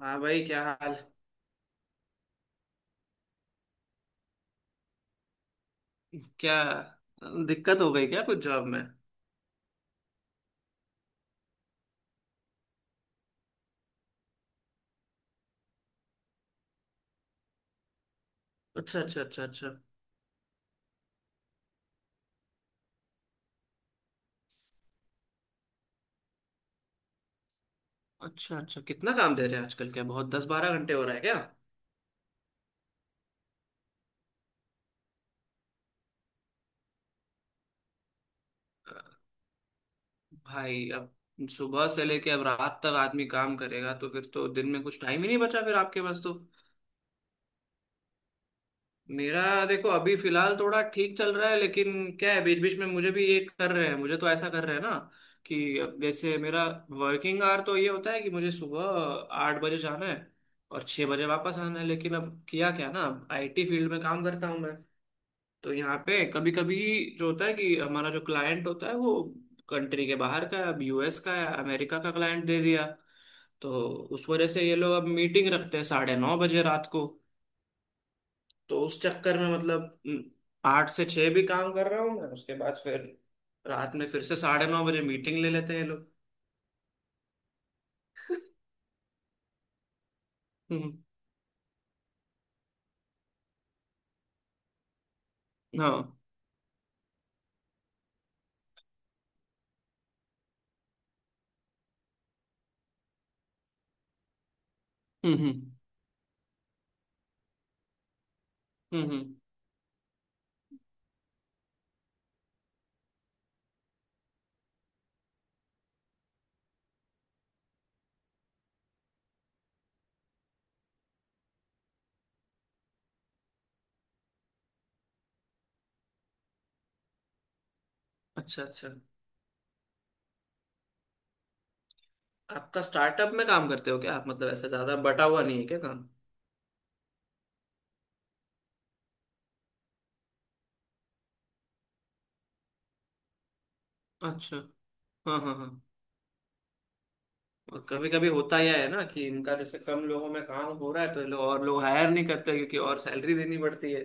हाँ भाई, क्या हाल? क्या दिक्कत हो गई क्या कुछ जॉब में? अच्छा अच्छा अच्छा अच्छा। अच्छा अच्छा, कितना काम दे रहे हैं आजकल? क्या बहुत 10 12 घंटे हो रहा है क्या? भाई, अब सुबह से लेके अब रात तक आदमी काम करेगा तो फिर तो दिन में कुछ टाइम ही नहीं बचा फिर आपके पास तो। मेरा देखो, अभी फिलहाल थोड़ा ठीक चल रहा है, लेकिन क्या है, बीच बीच में मुझे भी ये कर रहे हैं, मुझे तो ऐसा कर रहे हैं ना, कि अब जैसे मेरा वर्किंग आवर तो ये होता है कि मुझे सुबह 8 बजे जाना है और 6 बजे वापस आना है। लेकिन अब किया क्या ना, अब आईटी फील्ड में काम करता हूँ मैं, तो यहाँ पे कभी कभी जो होता है कि हमारा जो क्लाइंट होता है वो कंट्री के बाहर का है। अब यूएस का है, अमेरिका का क्लाइंट दे दिया, तो उस वजह से ये लोग अब मीटिंग रखते हैं 9:30 बजे रात को। तो उस चक्कर में मतलब 8 से 6 भी काम कर रहा हूँ मैं, उसके बाद फिर रात में फिर से 9:30 बजे मीटिंग ले लेते हैं ये लोग। हम्म। हाँ। हम्म। हम्म हम्म। अच्छा अच्छा, आपका स्टार्टअप में काम करते हो क्या आप? मतलब ऐसा ज्यादा बटा हुआ नहीं है क्या काम? अच्छा। हाँ हाँ हाँ। और कभी कभी होता यह है ना कि इनका जैसे कम लोगों में काम हो रहा है तो ये लोग और लोग हायर नहीं करते, क्योंकि और सैलरी देनी पड़ती है।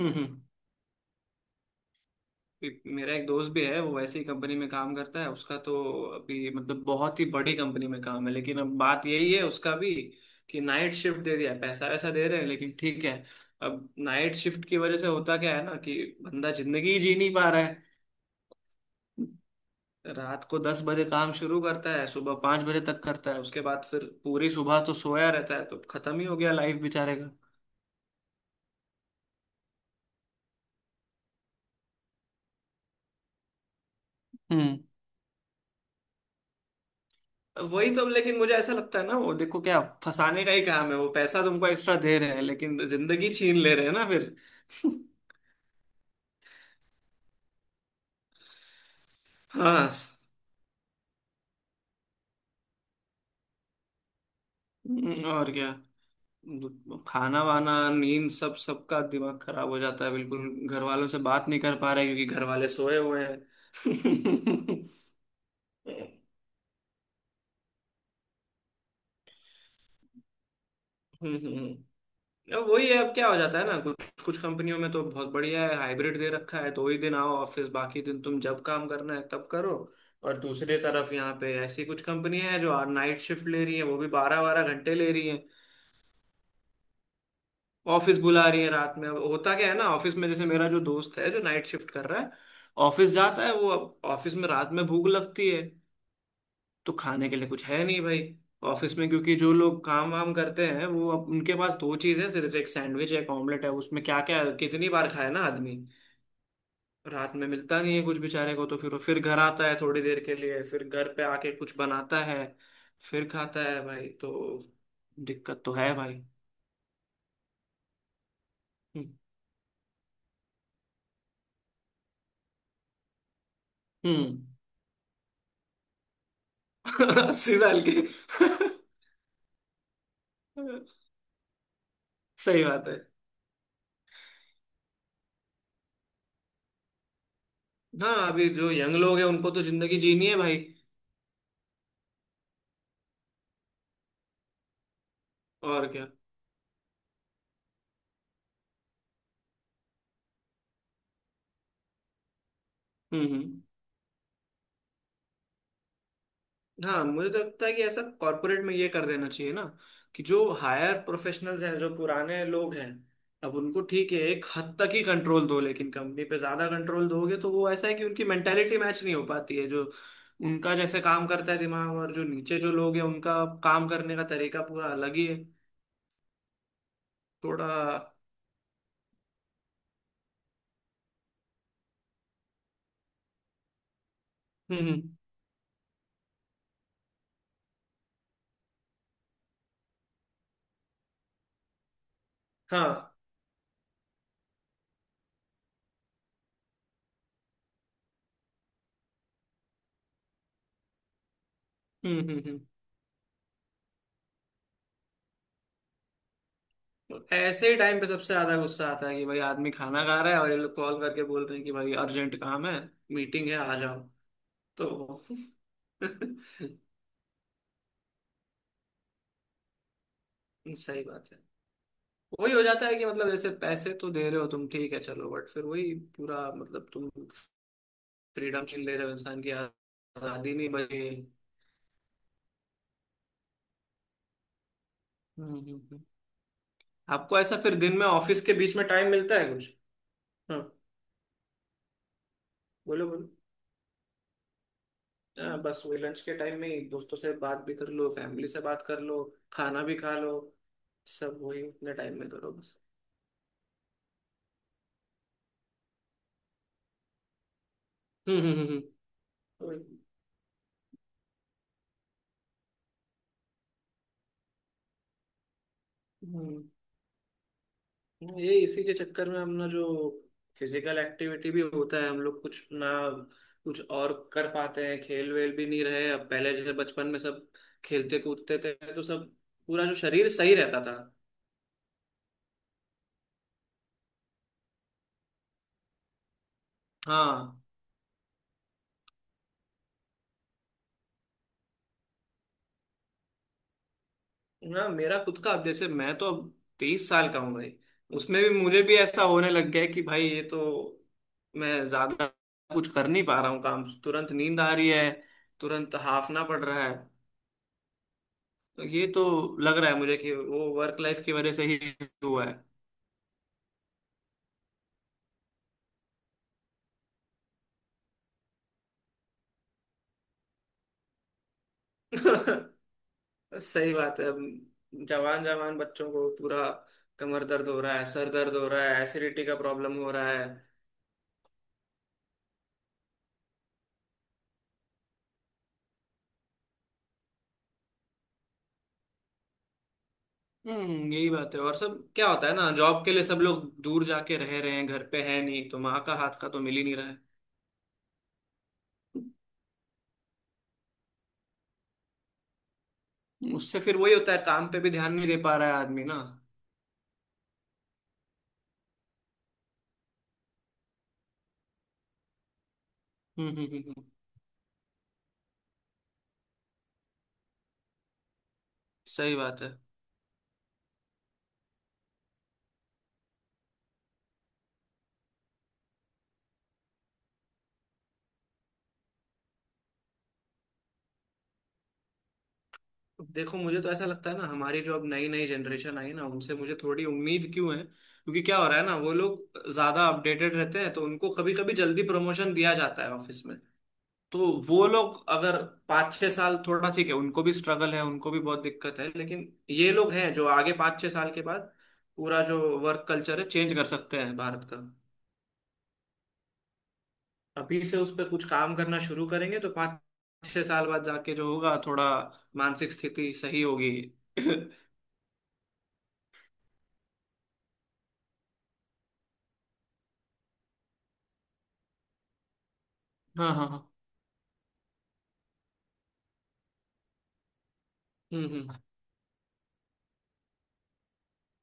हम्म। मेरा एक दोस्त भी है, वो वैसे ही कंपनी में काम करता है, उसका तो अभी मतलब बहुत ही बड़ी कंपनी में काम है। लेकिन अब बात यही है उसका भी, कि नाइट शिफ्ट दे दिया है। पैसा वैसा दे रहे हैं लेकिन ठीक है, अब नाइट शिफ्ट की वजह से होता क्या है ना कि बंदा जिंदगी ही जी नहीं पा रहा है। रात को 10 बजे काम शुरू करता है, सुबह 5 बजे तक करता है, उसके बाद फिर पूरी सुबह तो सोया रहता है, तो खत्म ही हो गया लाइफ बेचारे का। हम्म। वही तो, लेकिन मुझे ऐसा लगता है ना, वो देखो क्या फंसाने का ही काम है, वो पैसा तुमको एक्स्ट्रा दे रहे हैं लेकिन जिंदगी छीन ले रहे हैं ना फिर। हाँ, और क्या। खाना वाना नींद सब, सबका दिमाग खराब हो जाता है बिल्कुल। घर वालों से बात नहीं कर पा रहे क्योंकि घर वाले सोए हुए हैं। हम्म, हम्म। अब वही है, अब क्या हो जाता है ना, कुछ कुछ कंपनियों में तो बहुत बढ़िया है, हाइब्रिड दे रखा है, तो वही दिन आओ ऑफिस, बाकी दिन तुम जब काम करना है तब करो। और दूसरी तरफ यहाँ पे ऐसी कुछ कंपनियां हैं जो नाइट शिफ्ट ले रही हैं, वो भी 12 12 घंटे ले रही हैं। ऑफिस बुला रही हैं रात में। अब होता क्या है ना, ऑफिस में जैसे मेरा जो दोस्त है जो नाइट शिफ्ट कर रहा है, ऑफिस जाता है वो, अब ऑफिस में रात में भूख लगती है तो खाने के लिए कुछ है नहीं भाई ऑफिस में। क्योंकि जो लोग काम वाम करते हैं वो, अब उनके पास दो चीज़ है सिर्फ, एक सैंडविच है एक ऑमलेट है, उसमें क्या क्या कितनी बार खाए ना आदमी। रात में मिलता नहीं है कुछ बेचारे को, तो फिर वो फिर घर आता है थोड़ी देर के लिए, फिर घर पे आके कुछ बनाता है फिर खाता है भाई। तो दिक्कत तो है भाई। हम्म। 80 साल के। सही बात है। हाँ, अभी जो यंग लोग हैं उनको तो जिंदगी जीनी है भाई। और क्या। हम्म। हाँ, मुझे तो लगता है कि ऐसा कॉर्पोरेट में ये कर देना चाहिए ना, कि जो हायर प्रोफेशनल्स हैं, जो पुराने लोग हैं, अब उनको ठीक है एक हद तक ही कंट्रोल दो, लेकिन कंपनी पे ज्यादा कंट्रोल दोगे तो वो ऐसा है कि उनकी मेंटेलिटी मैच नहीं हो पाती है, जो उनका जैसे काम करता है दिमाग, और जो नीचे जो लोग हैं उनका काम करने का तरीका पूरा अलग ही है। थोड़ा। हम्म। हाँ। हम्म। तो ऐसे ही टाइम पे सबसे ज्यादा गुस्सा आता है कि भाई आदमी खाना खा रहा है और ये लोग कॉल करके बोल रहे हैं कि भाई अर्जेंट काम है, मीटिंग है आ जाओ। तो सही बात है। वही हो जाता है कि मतलब जैसे पैसे तो दे रहे हो तुम ठीक है चलो, बट फिर वही पूरा मतलब तुम फ्रीडम छीन ले रहे हो, इंसान की आजादी नहीं बची। हम्म। हम्म। आपको ऐसा फिर दिन में ऑफिस के बीच में टाइम मिलता है कुछ? हाँ, बोलो बोलो। हाँ, बस वही लंच के टाइम में ही दोस्तों से बात भी कर लो, फैमिली से बात कर लो, खाना भी खा लो, सब वही उतने टाइम में करो बस। हम्म। वही। हम्म। ये इसी के चक्कर में हमने जो फिजिकल एक्टिविटी भी होता है, हम लोग कुछ ना कुछ और कर पाते हैं। खेल वेल भी नहीं रहे, अब पहले जैसे बचपन में सब खेलते कूदते थे, तो सब पूरा जो शरीर सही रहता था। हाँ। ना मेरा खुद का अब जैसे, मैं तो अब 23 साल का हूँ भाई, उसमें भी मुझे भी ऐसा होने लग गया है कि भाई ये तो, मैं ज्यादा कुछ कर नहीं पा रहा हूँ काम, तुरंत नींद आ रही है, तुरंत हाफना पड़ रहा है। तो ये तो लग रहा है मुझे कि वो वर्क लाइफ की वजह से ही हुआ है। सही बात है। अब जवान जवान बच्चों को पूरा कमर दर्द हो रहा है, सर दर्द हो रहा है, एसिडिटी का प्रॉब्लम हो रहा है। हम्म, यही बात है। और सब क्या होता है ना, जॉब के लिए सब लोग दूर जाके रह रहे हैं, घर पे है नहीं, तो माँ का हाथ का तो मिल ही नहीं रहा है। उससे फिर वही होता है, काम पे भी ध्यान नहीं दे पा रहा है आदमी ना। हम्म। सही बात है। देखो मुझे तो ऐसा लगता है ना, हमारी जो अब नई नई जनरेशन आई है ना, उनसे मुझे थोड़ी उम्मीद क्यों है, क्योंकि क्या हो रहा है ना, वो लोग ज्यादा अपडेटेड रहते हैं, तो उनको कभी कभी जल्दी प्रमोशन दिया जाता है ऑफिस में। तो वो लोग अगर 5 6 साल, थोड़ा ठीक है उनको भी स्ट्रगल है, उनको भी बहुत दिक्कत है, लेकिन ये लोग हैं जो आगे 5 6 साल के बाद पूरा जो वर्क कल्चर है चेंज कर सकते हैं भारत का। अभी से उस पर कुछ काम करना शुरू करेंगे तो 5 6 साल बाद जाके जो होगा, थोड़ा मानसिक स्थिति सही होगी। हाँ हाँ हाँ। हम्म।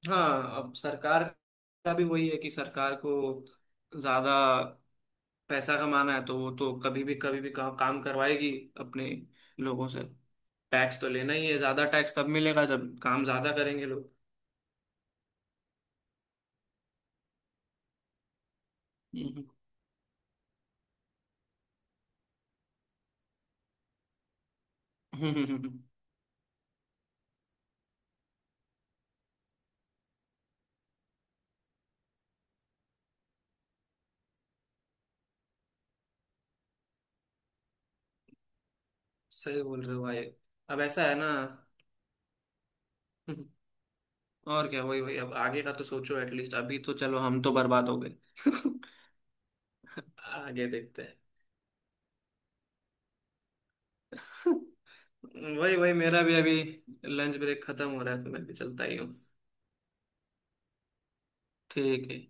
हाँ अब सरकार का भी वही है, कि सरकार को ज्यादा पैसा कमाना है तो वो तो कभी भी कभी भी काम करवाएगी अपने लोगों से। टैक्स तो लेना ही है, ज्यादा टैक्स तब मिलेगा जब काम ज्यादा करेंगे लोग। हम्म, हम्म। सही बोल रहे हो भाई। अब ऐसा है ना, हम्म, और क्या, वही वही, अब आगे का तो सोचो एटलीस्ट, अभी तो चलो हम तो बर्बाद हो गए। आगे देखते हैं। वही वही, मेरा भी अभी लंच ब्रेक खत्म हो रहा है, तो मैं भी चलता ही हूँ। ठीक है।